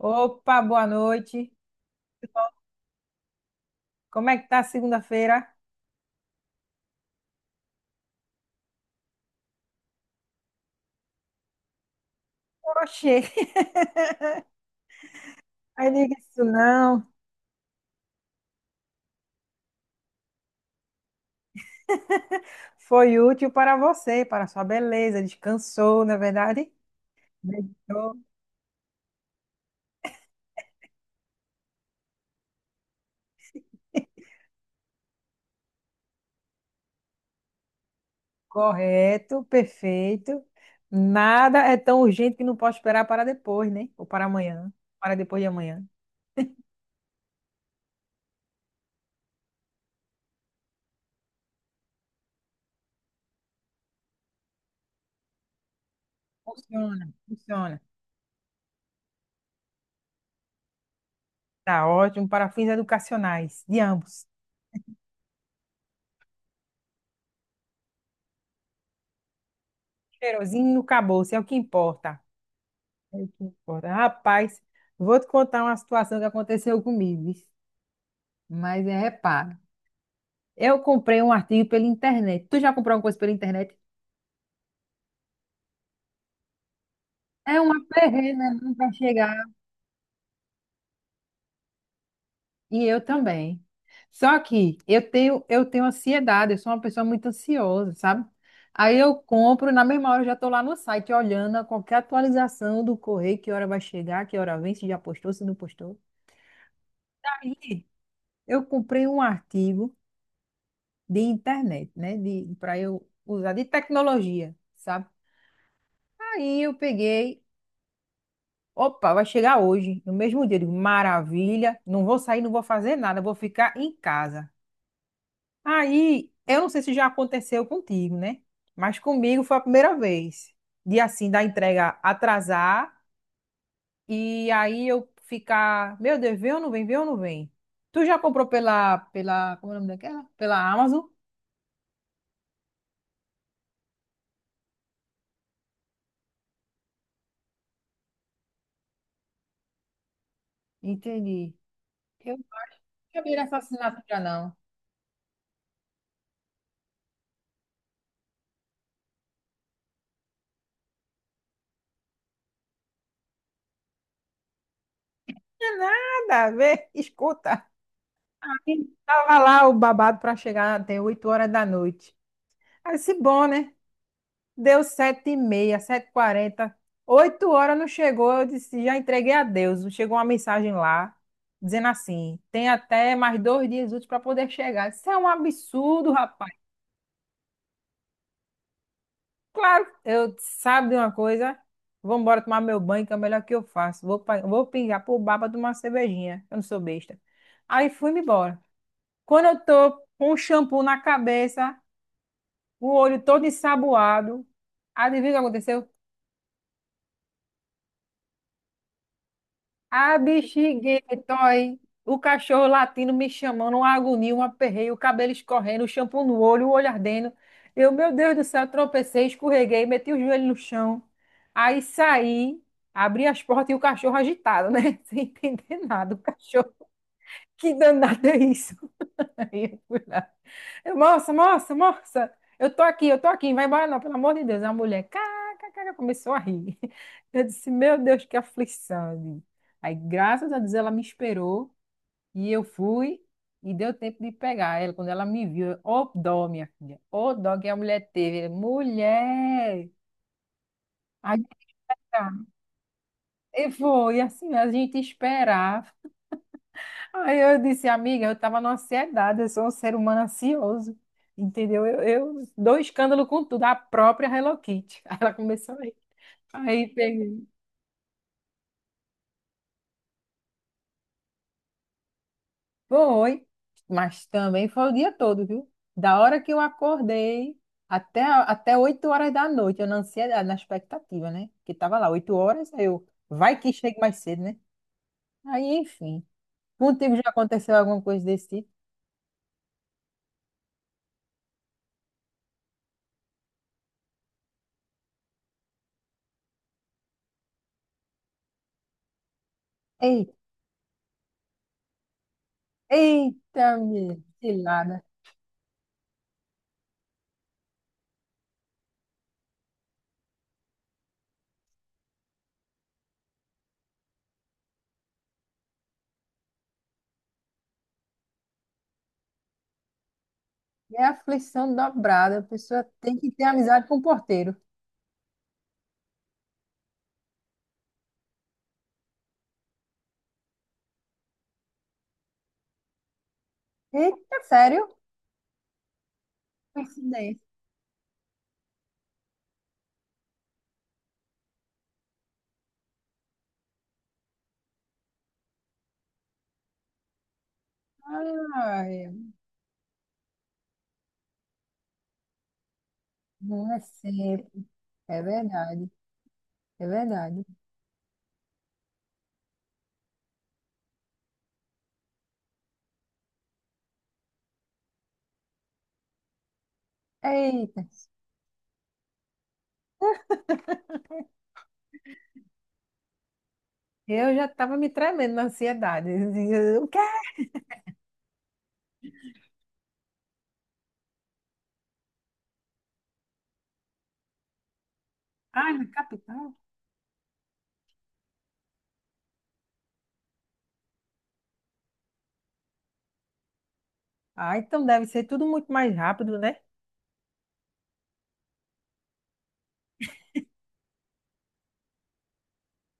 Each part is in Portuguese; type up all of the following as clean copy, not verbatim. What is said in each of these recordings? Opa, boa noite. Como é que tá a segunda-feira? Oxê, aí diga isso não. Foi útil para você, para sua beleza. Descansou, não é verdade? Meditou. Correto, perfeito. Nada é tão urgente que não pode esperar para depois, né? Ou para amanhã. Para depois de amanhã. Funciona, funciona. Tá ótimo para fins educacionais, de ambos. Cheirosinho, acabou-se, é o que importa. É o que importa. Rapaz, vou te contar uma situação que aconteceu comigo. Mas é reparo. Eu comprei um artigo pela internet. Tu já comprou alguma coisa pela internet? É uma perrengue, né? Não vai chegar. E eu também. Só que eu tenho ansiedade, eu sou uma pessoa muito ansiosa, sabe? Aí eu compro, na mesma hora eu já estou lá no site olhando a qualquer atualização do correio, que hora vai chegar, que hora vem, se já postou, se não postou. Aí eu comprei um artigo de internet, né? Para eu usar de tecnologia, sabe? Aí eu peguei, opa, vai chegar hoje, no mesmo dia. Eu digo, maravilha, não vou sair, não vou fazer nada, vou ficar em casa. Aí, eu não sei se já aconteceu contigo, né? Mas comigo foi a primeira vez. De assim, da entrega atrasar e aí eu ficar, meu Deus, vem ou não vem, vem ou não vem? Tu já comprou pela como é o nome daquela? Pela Amazon? Entendi. Eu nunca vi essa assinatura, não. Não é nada, vê, escuta. Tava lá o babado para chegar até 8 horas da noite. Aí se bom, né? Deu 7h30, 7h40, 8 horas não chegou, eu disse, já entreguei a Deus. Chegou uma mensagem lá, dizendo assim, tem até mais 2 dias úteis para poder chegar. Isso é um absurdo, rapaz. Claro, eu sabe de uma coisa, vou embora tomar meu banho, que é o melhor que eu faço. Vou pingar pro bar pra tomar uma cervejinha, eu não sou besta. Aí fui-me embora. Quando eu tô com o shampoo na cabeça, o olho todo ensaboado, adivinha o que aconteceu? Ah, bexiguento, aí. O cachorro latindo me chamando, uma agonia, um aperreio, o cabelo escorrendo, o shampoo no olho, o olho ardendo. Eu, meu Deus do céu, tropecei, escorreguei, meti o joelho no chão. Aí saí, abri as portas e o cachorro agitado, né? Sem entender nada. O cachorro, que danado é isso? Aí eu fui lá. Eu, moça, moça, moça, eu tô aqui, vai embora não, pelo amor de Deus. A mulher, kkk, começou a rir. Eu disse, meu Deus, que aflição, eu digo. Aí, graças a Deus, ela me esperou e eu fui e deu tempo de pegar ela. Quando ela me viu, eu, ô dó, minha filha, ô dó que a mulher teve. Mulher! Aí, tá. E foi assim, a gente esperar. Aí eu disse, amiga, eu estava numa ansiedade, eu sou um ser humano ansioso, entendeu? Eu dou escândalo com tudo, a própria Hello Kitty. Aí ela começou aí. Aí peguei. Foi, mas também foi o dia todo, viu? Da hora que eu acordei até, até 8 horas da noite, eu na ansiedade, na expectativa, né? Que tava lá, 8 horas, aí eu, vai que chegue mais cedo, né? Aí, enfim, contigo já aconteceu alguma coisa desse tipo? Ei, eita, minha, cilada. É aflição dobrada. A pessoa tem que ter amizade com o porteiro. Eita, sério? Coincidência. Ai, não é sempre. É verdade. É verdade. Eita. Eu já estava me tremendo na ansiedade. Eu dizia, o quê? Ai, na capital? Ah, então deve ser tudo muito mais rápido, né?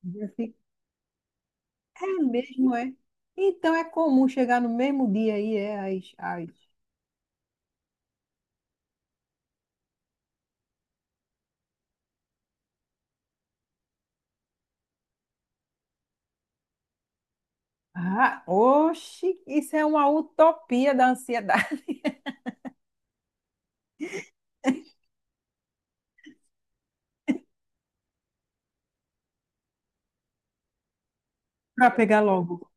Eu fico, é mesmo, é. Então é comum chegar no mesmo dia aí, é. Ah, oxe, isso é uma utopia da ansiedade. Para pegar logo.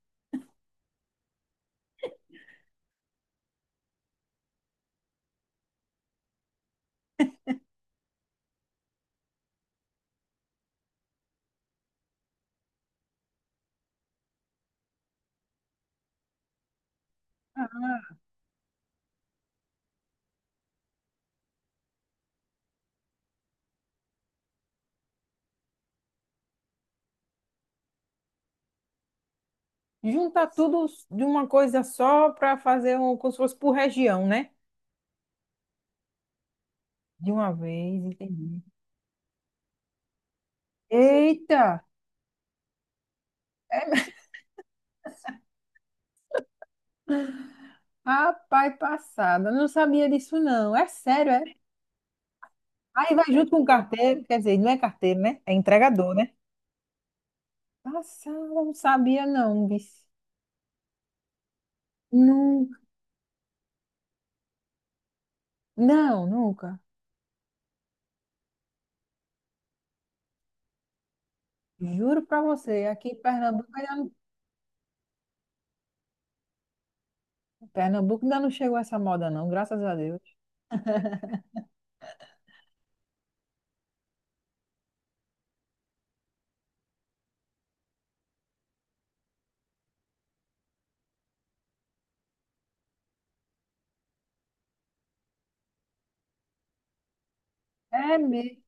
Juntar tudo de uma coisa só para fazer um, como se fosse por região, né? De uma vez, entendi. Eita! Rapaz, passada. Não sabia disso, não. É sério, é? Aí vai junto com o carteiro, quer dizer, não é carteiro, né? É entregador, né? Passada, não sabia, não, bicho. Não, não, nunca. Juro pra você, aqui em Pernambuco ainda não chegou essa moda, não, graças a Deus. É mesmo.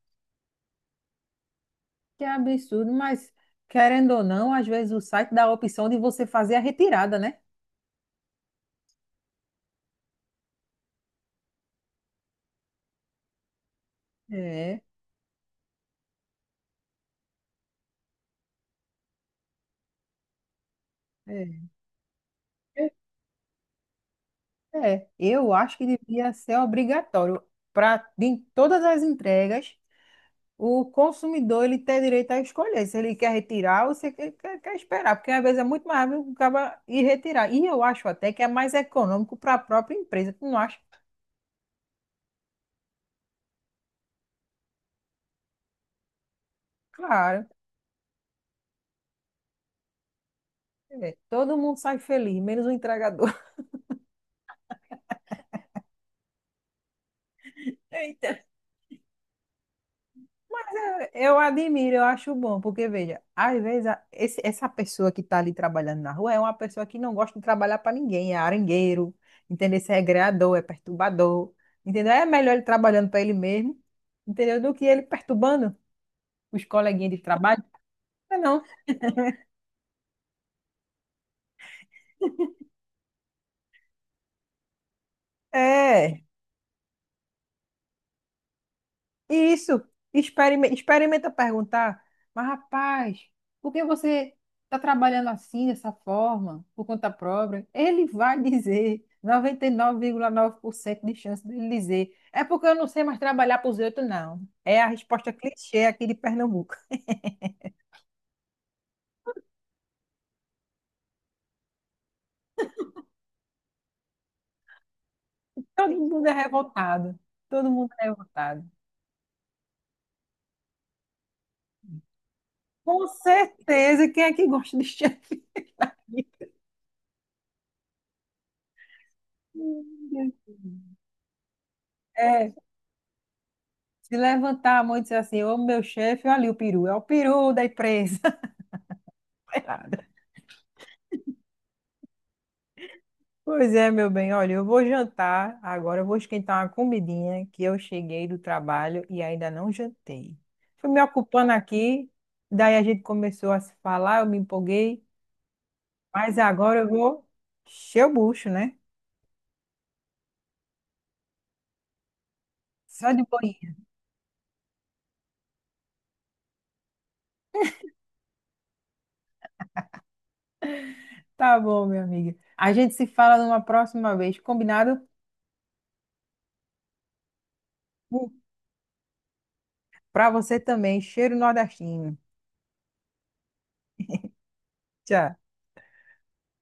Que absurdo, mas querendo ou não, às vezes o site dá a opção de você fazer a retirada, né? É, é. É, eu acho que devia ser obrigatório para em todas as entregas o consumidor ele ter direito a escolher se ele quer retirar ou se ele quer esperar, porque às vezes é muito mais rápido o cara ir retirar. E eu acho até que é mais econômico para a própria empresa, tu não acha? Claro, é, todo mundo sai feliz, menos o entregador. Eita. Eu admiro, eu acho bom, porque veja, às vezes essa pessoa que está ali trabalhando na rua é uma pessoa que não gosta de trabalhar para ninguém, é arengueiro, entendeu? Se é greador, é perturbador, entendeu? É melhor ele trabalhando para ele mesmo, entendeu? Do que ele perturbando os coleguinhas de trabalho. É não, é. Isso, experimenta, experimenta perguntar, mas rapaz, por que você está trabalhando assim, dessa forma, por conta própria? Ele vai dizer, noventa e nove vírgula nove por cento de chance dele dizer, é porque eu não sei mais trabalhar para os outros, não. É a resposta clichê aqui de Pernambuco. Todo mundo é revoltado, todo mundo é revoltado. Com certeza, quem é que gosta de chefe? É, se levantar a mão e dizer assim, ô meu chefe, olha ali o peru, é o peru da empresa. Sei lá. Pois é, meu bem, olha, eu vou jantar, agora eu vou esquentar uma comidinha que eu cheguei do trabalho e ainda não jantei. Fui me ocupando aqui, daí a gente começou a se falar, eu me empolguei, mas agora eu vou encher o bucho, né? Só de boinha. Tá bom, minha amiga. A gente se fala numa próxima vez, combinado? Pra você também, cheiro nordestino. Tchau.